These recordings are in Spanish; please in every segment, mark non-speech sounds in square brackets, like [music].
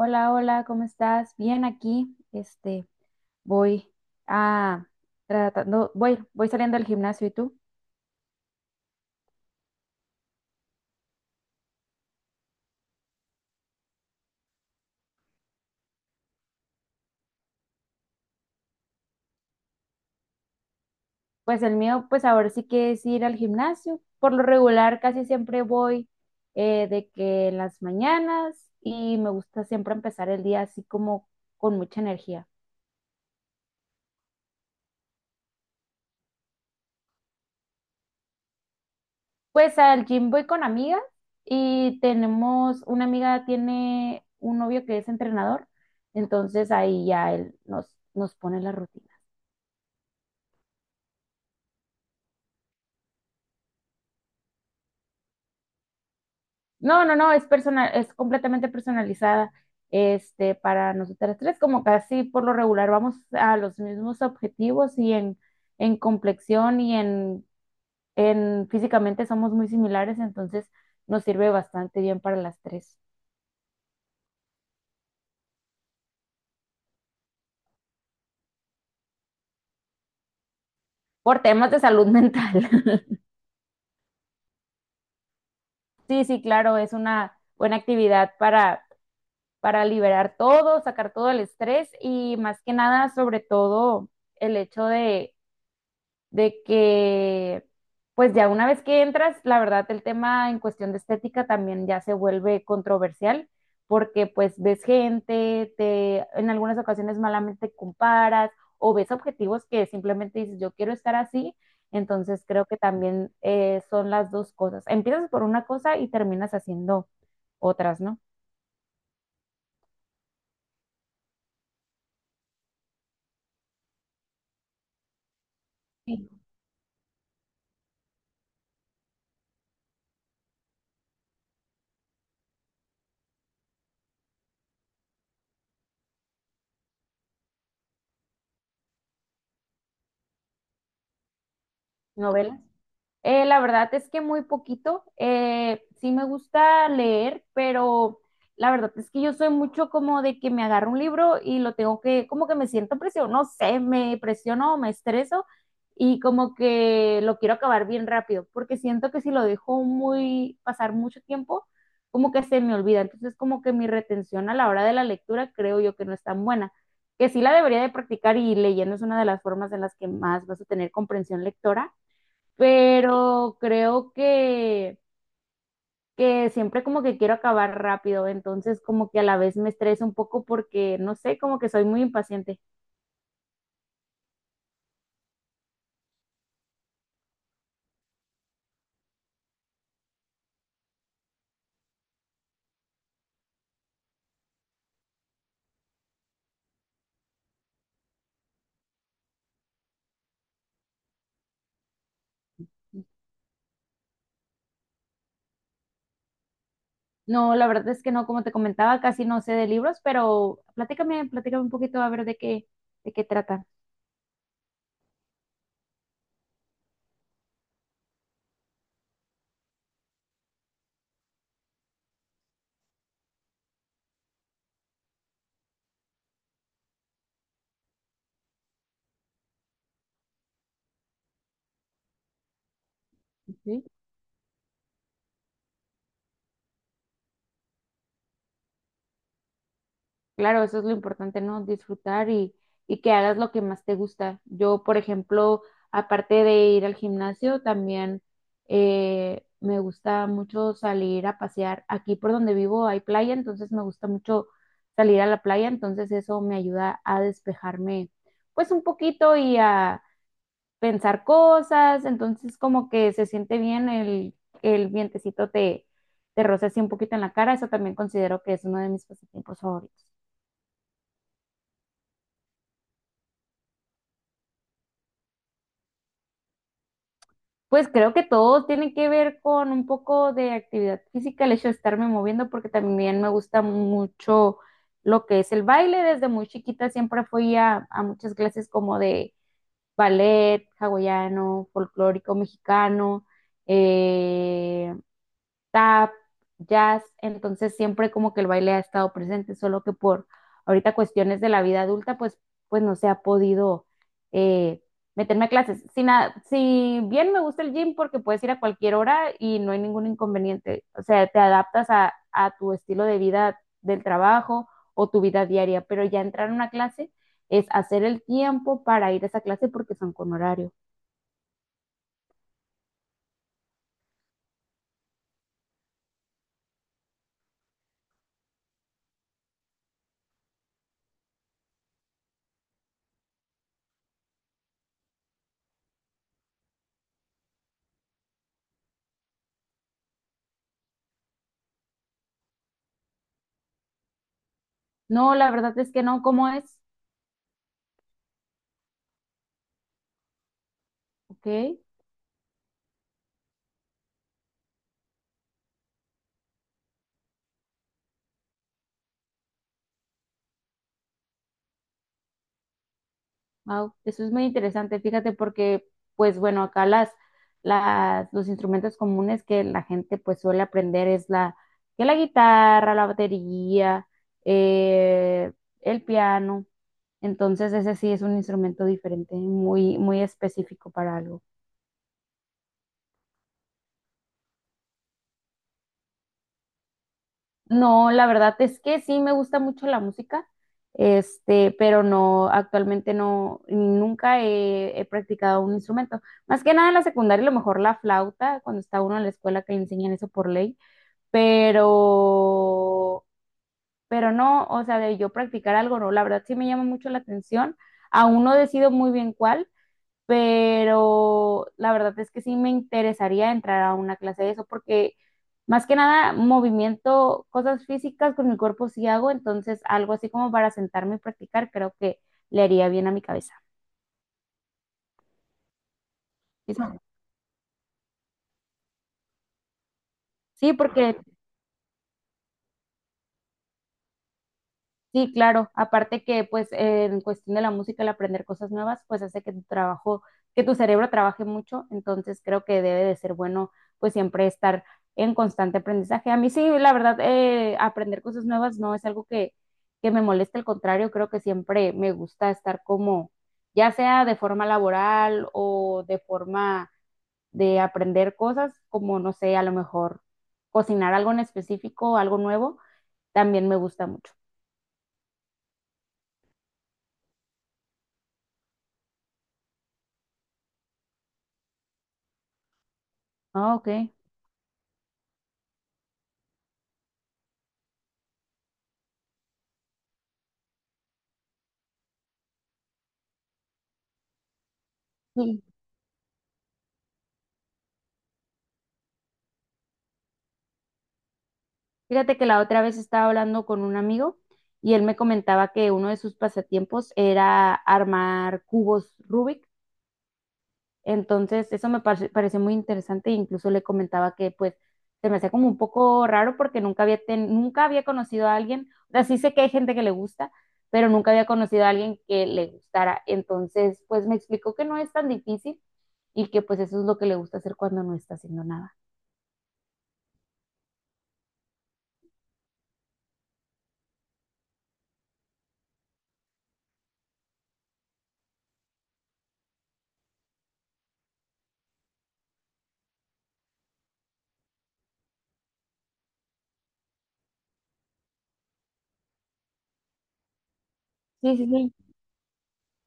Hola, hola, ¿cómo estás? Bien aquí. Voy a tratando, voy saliendo del gimnasio, ¿y tú? Pues el mío, pues ahora sí que es ir al gimnasio. Por lo regular, casi siempre voy de que en las mañanas y me gusta siempre empezar el día así como con mucha energía. Pues al gym voy con amigas y tenemos, una amiga tiene un novio que es entrenador, entonces ahí ya nos pone la rutina. No, no, no, es personal, es completamente personalizada, para nosotras tres, como casi por lo regular vamos a los mismos objetivos en complexión en físicamente somos muy similares, entonces nos sirve bastante bien para las tres. Por temas de salud mental. [laughs] Sí, sí, claro, es una buena actividad para liberar todo, sacar todo el estrés y más que nada, sobre todo, el hecho de que pues ya una vez que entras, la verdad el tema en cuestión de estética también ya se vuelve controversial, porque pues ves gente, te en algunas ocasiones malamente comparas o ves objetivos que simplemente dices, yo quiero estar así, entonces creo que también son las dos cosas. Empiezas por una cosa y terminas haciendo otras, ¿no? Sí. Novelas. La verdad es que muy poquito. Sí me gusta leer, pero la verdad es que yo soy mucho como de que me agarro un libro y lo tengo que, como que me siento presionado, no sé, me presiono o me estreso y como que lo quiero acabar bien rápido, porque siento que si lo dejo muy, pasar mucho tiempo, como que se me olvida. Entonces, como que mi retención a la hora de la lectura creo yo que no es tan buena, que sí la debería de practicar y leyendo es una de las formas en las que más vas a tener comprensión lectora, pero creo que siempre como que quiero acabar rápido, entonces como que a la vez me estreso un poco porque, no sé, como que soy muy impaciente. No, la verdad es que no, como te comentaba, casi no sé de libros, pero platícame, platícame un poquito a ver de de qué trata. Ujú. Claro, eso es lo importante, ¿no? Disfrutar y que hagas lo que más te gusta. Yo, por ejemplo, aparte de ir al gimnasio, también me gusta mucho salir a pasear. Aquí por donde vivo hay playa, entonces me gusta mucho salir a la playa, entonces eso me ayuda a despejarme pues un poquito y a pensar cosas, entonces como que se siente bien el vientecito te roza así un poquito en la cara, eso también considero que es uno de mis pasatiempos favoritos. Pues creo que todo tiene que ver con un poco de actividad física, el hecho de estarme moviendo, porque también me gusta mucho lo que es el baile. Desde muy chiquita siempre fui a muchas clases como de ballet, hawaiano, folclórico mexicano, eh, tap, jazz, entonces siempre como que el baile ha estado presente, solo que por ahorita cuestiones de la vida adulta, pues no se ha podido eh, meterme a clases. Si bien me gusta el gym porque puedes ir a cualquier hora y no hay ningún inconveniente, o sea, te adaptas a tu estilo de vida del trabajo o tu vida diaria, pero ya entrar a una clase es hacer el tiempo para ir a esa clase porque son con horario. No, la verdad es que no, ¿cómo es? Ok. Wow, eso es muy interesante, fíjate, porque, pues bueno, acá los instrumentos comunes que la gente pues suele aprender es que la guitarra, la batería, eh, el piano. Entonces, ese sí es un instrumento diferente, muy, muy específico para algo. No, la verdad es que sí me gusta mucho la música, pero no, actualmente no, nunca he, he practicado un instrumento. Más que nada en la secundaria, a lo mejor la flauta, cuando está uno en la escuela que le enseñan eso por ley, pero, pero no, o sea, de yo practicar algo, no, la verdad sí me llama mucho la atención. Aún no decido muy bien cuál, pero la verdad es que sí me interesaría entrar a una clase de eso porque más que nada movimiento, cosas físicas con mi cuerpo sí hago, entonces algo así como para sentarme y practicar creo que le haría bien a mi cabeza. Sí, porque sí, claro. Aparte que, pues, en cuestión de la música, el aprender cosas nuevas, pues hace que tu que tu cerebro trabaje mucho. Entonces, creo que debe de ser bueno, pues, siempre estar en constante aprendizaje. A mí sí, la verdad, aprender cosas nuevas no es algo que me moleste. Al contrario, creo que siempre me gusta estar como, ya sea de forma laboral o de forma de aprender cosas, como, no sé, a lo mejor cocinar algo en específico, algo nuevo, también me gusta mucho. Ah, ok. Sí, fíjate que la otra vez estaba hablando con un amigo y él me comentaba que uno de sus pasatiempos era armar cubos Rubik. Entonces, eso pareció muy interesante e incluso le comentaba que pues se me hacía como un poco raro porque nunca había conocido a alguien, o sea, sí sé que hay gente que le gusta, pero nunca había conocido a alguien que le gustara. Entonces, pues me explicó que no es tan difícil y que pues eso es lo que le gusta hacer cuando no está haciendo nada. Sí, sí, sí,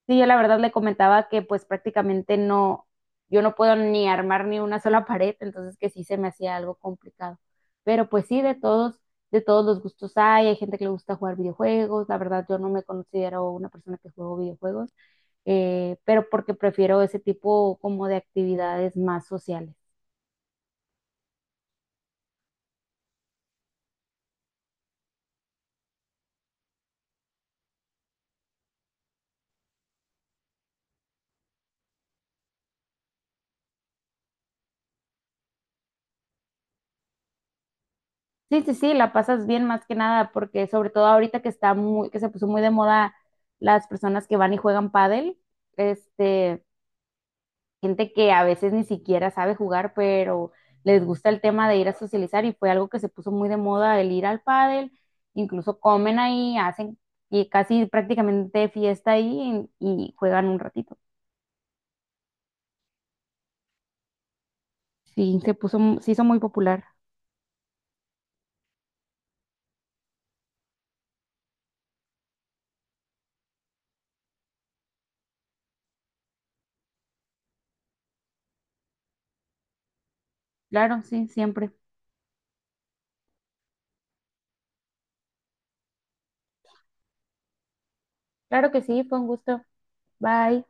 sí, yo la verdad le comentaba que pues prácticamente no, yo no puedo ni armar ni una sola [laughs] pared, entonces que sí se me hacía algo complicado. Pero pues sí, de todos los gustos hay, hay gente que le gusta jugar videojuegos, la verdad yo no me considero una persona que juego videojuegos, pero porque prefiero ese tipo como de actividades más sociales. Sí, sí, sí, la pasas bien más que nada, porque sobre todo ahorita que está muy, que se puso muy de moda las personas que van y juegan pádel, este gente que a veces ni siquiera sabe jugar, pero les gusta el tema de ir a socializar y fue algo que se puso muy de moda el ir al pádel, incluso comen ahí, hacen y casi prácticamente fiesta ahí y juegan un ratito. Sí, se puso, se hizo muy popular. Claro, sí, siempre. Claro que sí, fue un gusto. Bye.